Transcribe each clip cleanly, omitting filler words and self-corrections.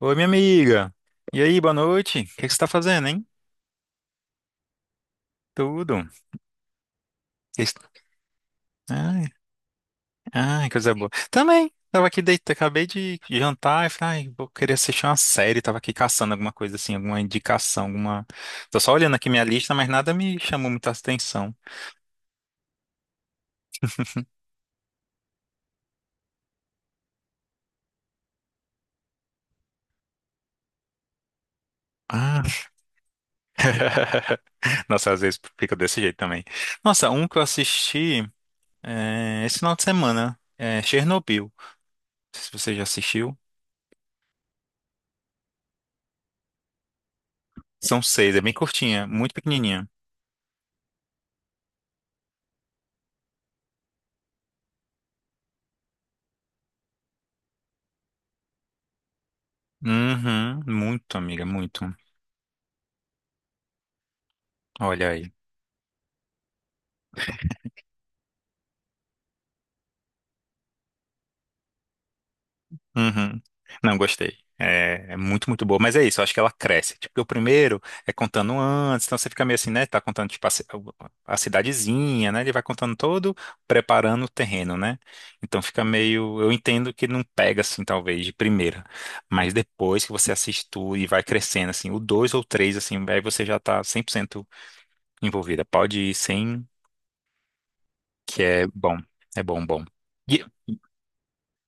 Oi, minha amiga. E aí, boa noite. O que que você tá fazendo, hein? Tudo. Que que- Ai, ai, coisa boa. Também, tava aqui deitado, acabei de jantar e falei, ai, vou querer assistir uma série. Tava aqui caçando alguma coisa assim, alguma indicação, alguma. Tô só olhando aqui minha lista, mas nada me chamou muita atenção. Ah. Nossa, às vezes fica desse jeito também. Nossa, um que eu assisti é, esse final de semana é Chernobyl. Não sei se você já assistiu. São seis, é bem curtinha, muito pequenininha. Uhum, muito, amiga, muito. Olha aí. Uhum. Não, gostei. É muito, muito boa. Mas é isso, eu acho que ela cresce. Tipo, porque o primeiro é contando antes, então você fica meio assim, né? Tá contando, tipo, a cidadezinha, né? Ele vai contando todo, preparando o terreno, né? Então fica meio. Eu entendo que não pega, assim, talvez, de primeira. Mas depois que você assiste tudo e vai crescendo, assim, o dois ou três, assim, aí você já tá 100% envolvida. Pode ir sem, que é bom. É bom, bom.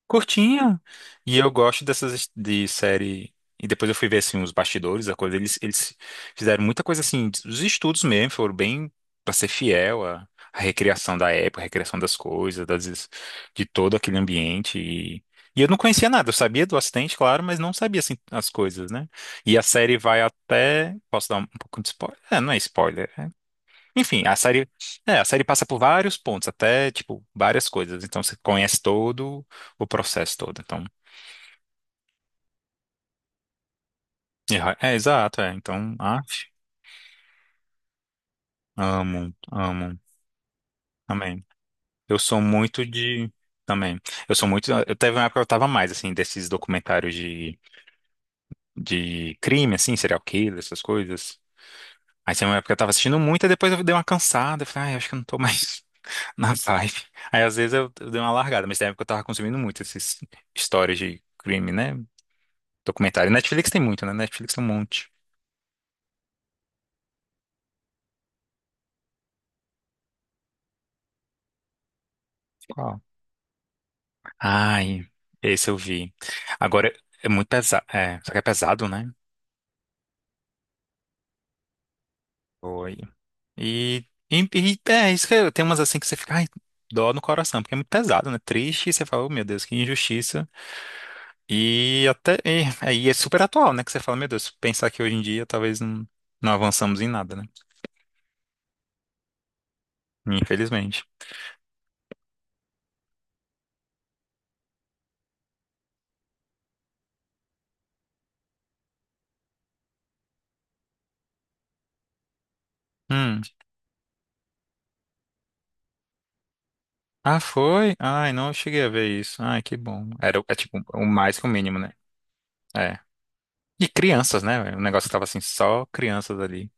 Curtinha. E eu gosto dessas de série. E depois eu fui ver assim os bastidores, a coisa. Eles fizeram muita coisa assim, os estudos mesmo, foram bem para ser fiel à recriação da época, à recriação das coisas, de todo aquele ambiente. E eu não conhecia nada, eu sabia do acidente, claro, mas não sabia assim as coisas, né? E a série vai até. Posso dar um pouco de spoiler? É, não é spoiler. Enfim, a série, passa por vários pontos, até, tipo, várias coisas. Então, você conhece todo o processo todo. Então, é, exato, é. Então, ah, amo, amo, amém. Eu sou muito de, também, eu sou muito, eu teve uma época que eu tava mais, assim, desses documentários de crime, assim, serial killer, essas coisas. Aí tinha uma época que eu tava assistindo muito, e depois eu dei uma cansada, eu falei, ah, eu acho que eu não tô mais na vibe. Aí, às vezes, eu dei uma largada, mas na época eu tava consumindo muito esses histórias de crime, né? Documentário. Netflix tem muito, né? Netflix tem um monte. Qual? Ai, esse eu vi. Agora, é muito pesado. É, só que é pesado, né? Foi. Tem umas assim que você fica, ai, dó no coração, porque é muito pesado, né? Triste, e você fala, oh, meu Deus, que injustiça. E até, aí é super atual, né? Que você fala, meu Deus, pensar que hoje em dia talvez não, não avançamos em nada, né? Infelizmente. Hum. Ah, foi? Ai, não cheguei a ver isso. Ai, que bom. Era, o- é tipo o mais que o mínimo, né? é E crianças, né? O negócio que tava assim, só crianças ali.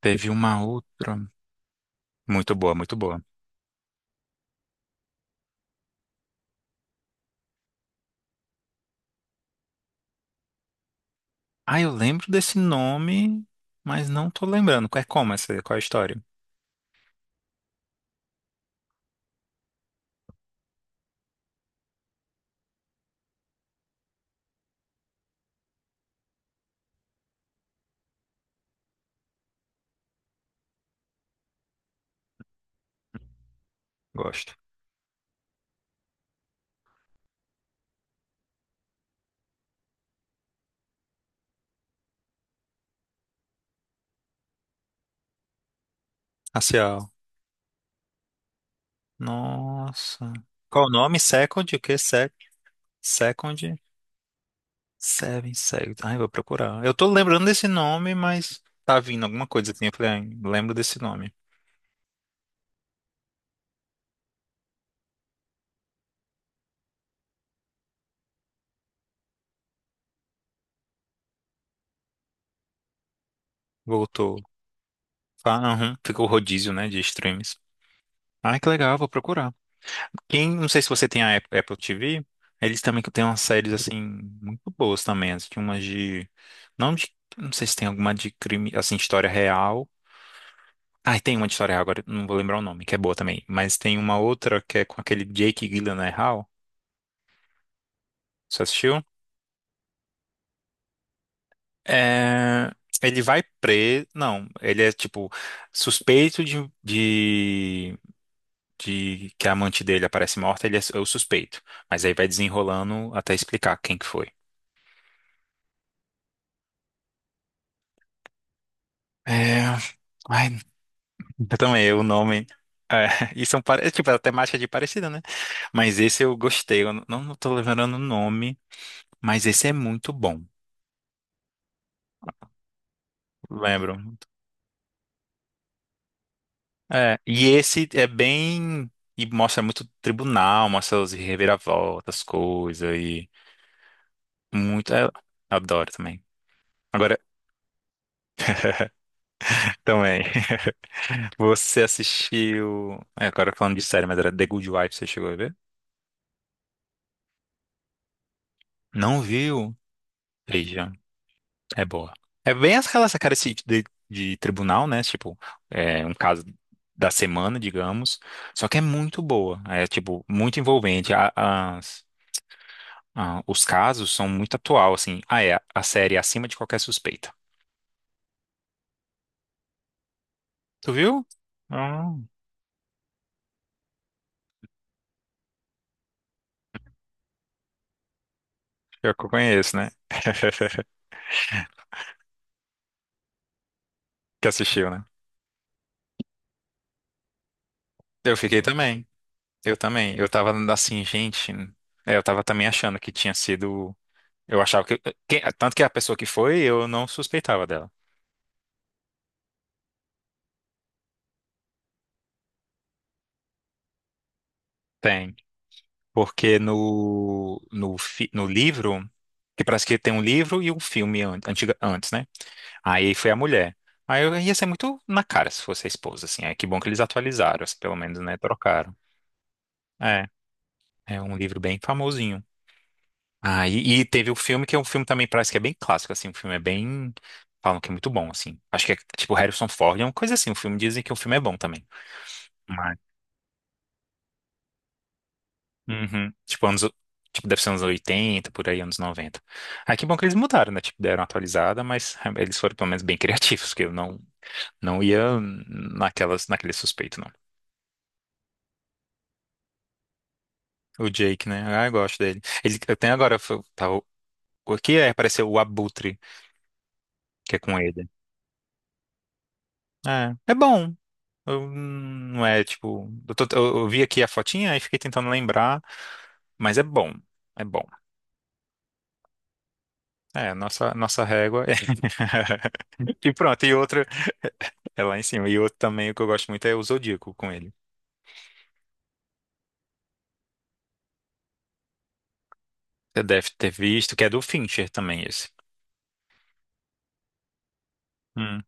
Teve uma outra. Muito boa, muito boa. Ah, eu lembro desse nome, mas não tô lembrando. É como essa? Qual é a história? Gosto. Racial. Nossa. Qual o nome? Second? O quê? Se Second? Seven Seconds. Ai, vou procurar. Eu tô lembrando desse nome, mas tá vindo alguma coisa assim. Eu falei, ai, lembro desse nome. Voltou. Ah, uhum. Ficou rodízio, né, de streams. Ai, que legal, vou procurar. Quem, não sei se você tem a Apple TV, eles também que têm umas séries assim muito boas também, assim, tinha umas de não sei se tem alguma de crime, assim, história real. Ah, tem uma de história real agora, não vou lembrar o nome, que é boa também, mas tem uma outra que é com aquele Jake Gyllenhaal. Você assistiu? É, ele vai preso, não, ele é tipo suspeito de que a amante dele aparece morta, ele é o suspeito, mas aí vai desenrolando até explicar quem que foi. É, ai, Eu também, o nome. É, e são, é, tipo, a temática de parecida, né? Mas esse eu gostei. Eu não tô lembrando o nome, mas esse é muito bom. Lembro. É, e esse é bem. E mostra muito tribunal, mostra os reviravoltas, coisas e. Muito. É, adoro também. Agora, também. Você assistiu. É, agora falando de série, mas era The Good Wife, você chegou a ver? Não viu? Veja. É boa. É bem aquela essa cara esse de tribunal, né? Tipo, é um caso da semana, digamos. Só que é muito boa. É, tipo, muito envolvente. Os casos são muito atual, assim. Ah, é. A série é Acima de Qualquer Suspeita. Tu viu? Ah, eu que eu conheço, né? Que assistiu, né? Eu fiquei também. Eu também. Eu tava assim, gente. Eu tava também achando que tinha sido. Eu achava que. Tanto que a pessoa que foi, eu não suspeitava dela. Tem. Porque no livro, que parece que tem um livro e um filme antes, né? Aí foi a mulher. Aí eu ia ser muito na cara se fosse a esposa, assim. É que bom que eles atualizaram, assim, pelo menos, né? Trocaram. É, é um livro bem famosinho. Ah, e teve o filme, que é um filme também parece que é bem clássico, assim. O filme é bem. Falam que é muito bom, assim. Acho que é tipo Harrison Ford, é uma coisa assim. O filme dizem que o filme é bom também. Uhum. Tipo, deve ser anos 80 por aí, anos 90. Ah, que bom que eles mudaram, né? Tipo, deram uma atualizada, mas ah, eles foram pelo menos bem criativos, que eu não ia naquelas, naquele suspeito, não. O Jake, né? Ah, eu gosto dele. Ele, eu tenho agora, tá, o, aqui é, apareceu o Abutre, que é com ele. É bom. Eu, não é, tipo. Eu vi aqui a fotinha e fiquei tentando lembrar, mas é bom. É bom. É, nossa, nossa régua. E pronto, e outra é lá em cima. E outro também, o que eu gosto muito é o Zodíaco com ele. Você deve ter visto, que é do Fincher também esse. Hum.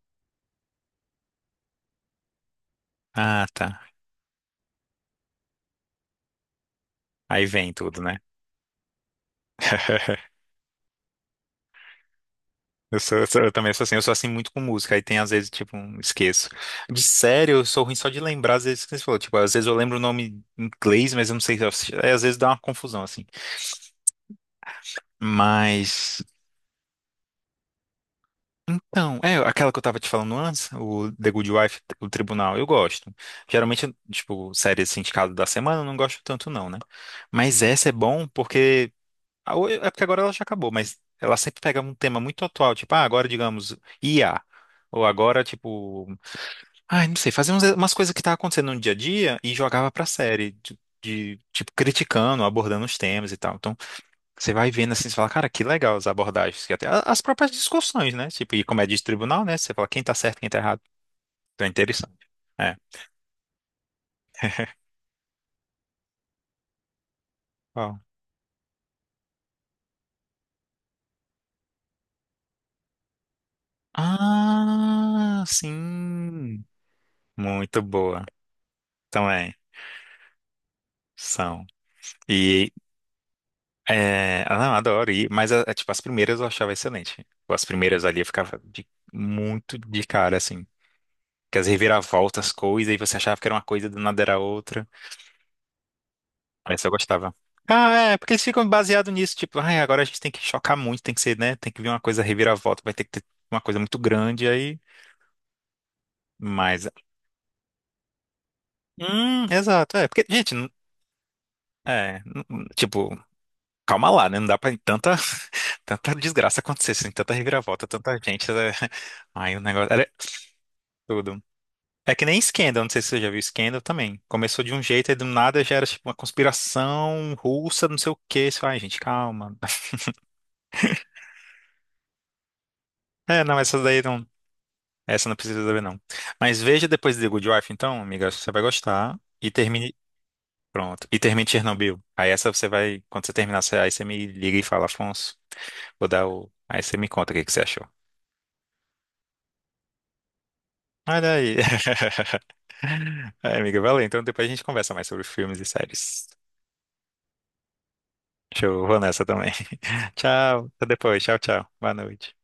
Ah, tá. Aí vem tudo, né? Eu também sou assim, muito com música, aí tem às vezes, tipo, esqueço. De sério, eu sou ruim só de lembrar, às vezes, que você falou, tipo, às vezes eu lembro o nome em inglês, mas eu não sei, se eu- é, às vezes dá uma confusão, assim. Mas então, é aquela que eu tava te falando antes, o The Good Wife, o Tribunal, eu gosto. Geralmente, tipo, série sindicado da semana, eu não gosto tanto não, né? Mas essa é bom porque é porque agora ela já acabou, mas ela sempre pega um tema muito atual, tipo, ah, agora digamos IA, ou agora tipo, ah, não sei, fazia umas coisas que tá acontecendo no dia a dia e jogava pra série de, tipo criticando, abordando os temas e tal. Então, você vai vendo assim, você fala, cara, que legal as abordagens, que até as próprias discussões, né? Tipo, e como é de tribunal, né? Você fala quem tá certo, quem tá errado. Então é interessante. É. Ó. Ah, sim. Muito boa. Então é, são. E é, ah, não, adoro. E, mas tipo, as primeiras eu achava excelente. As primeiras ali eu ficava muito de cara, assim. Que as reviravoltas, coisas, e você achava que era uma coisa, do nada era outra. Essa eu gostava. Ah, é, porque eles ficam baseados nisso, tipo, ai, agora a gente tem que chocar muito, tem que ser, né? Tem que vir uma coisa reviravolta, vai ter que ter uma coisa muito grande aí. Mas. Exato, é. Porque, gente, tipo, calma lá, né? Não dá pra tanta, tanta desgraça acontecer, assim, tanta reviravolta, tanta gente, né? Ai, o negócio era tudo. É que nem Scandal, não sei se você já viu Scandal também. Começou de um jeito e do nada já era tipo uma conspiração russa, não sei o quê. Você fala, Ai, gente, calma. É, não, essas daí não. Essa não precisa saber, não. Mas veja depois de The Good Wife, então, amiga, você vai gostar. E termine. Pronto. E termine Chernobyl. Aí essa você vai. Quando você terminar, aí você me liga e fala, Afonso, vou dar o. Aí você me conta o que que você achou. Olha aí. Aí, amiga, valeu. Então depois a gente conversa mais sobre filmes e séries. Show, vou nessa também. Tchau. Até depois. Tchau, tchau. Boa noite.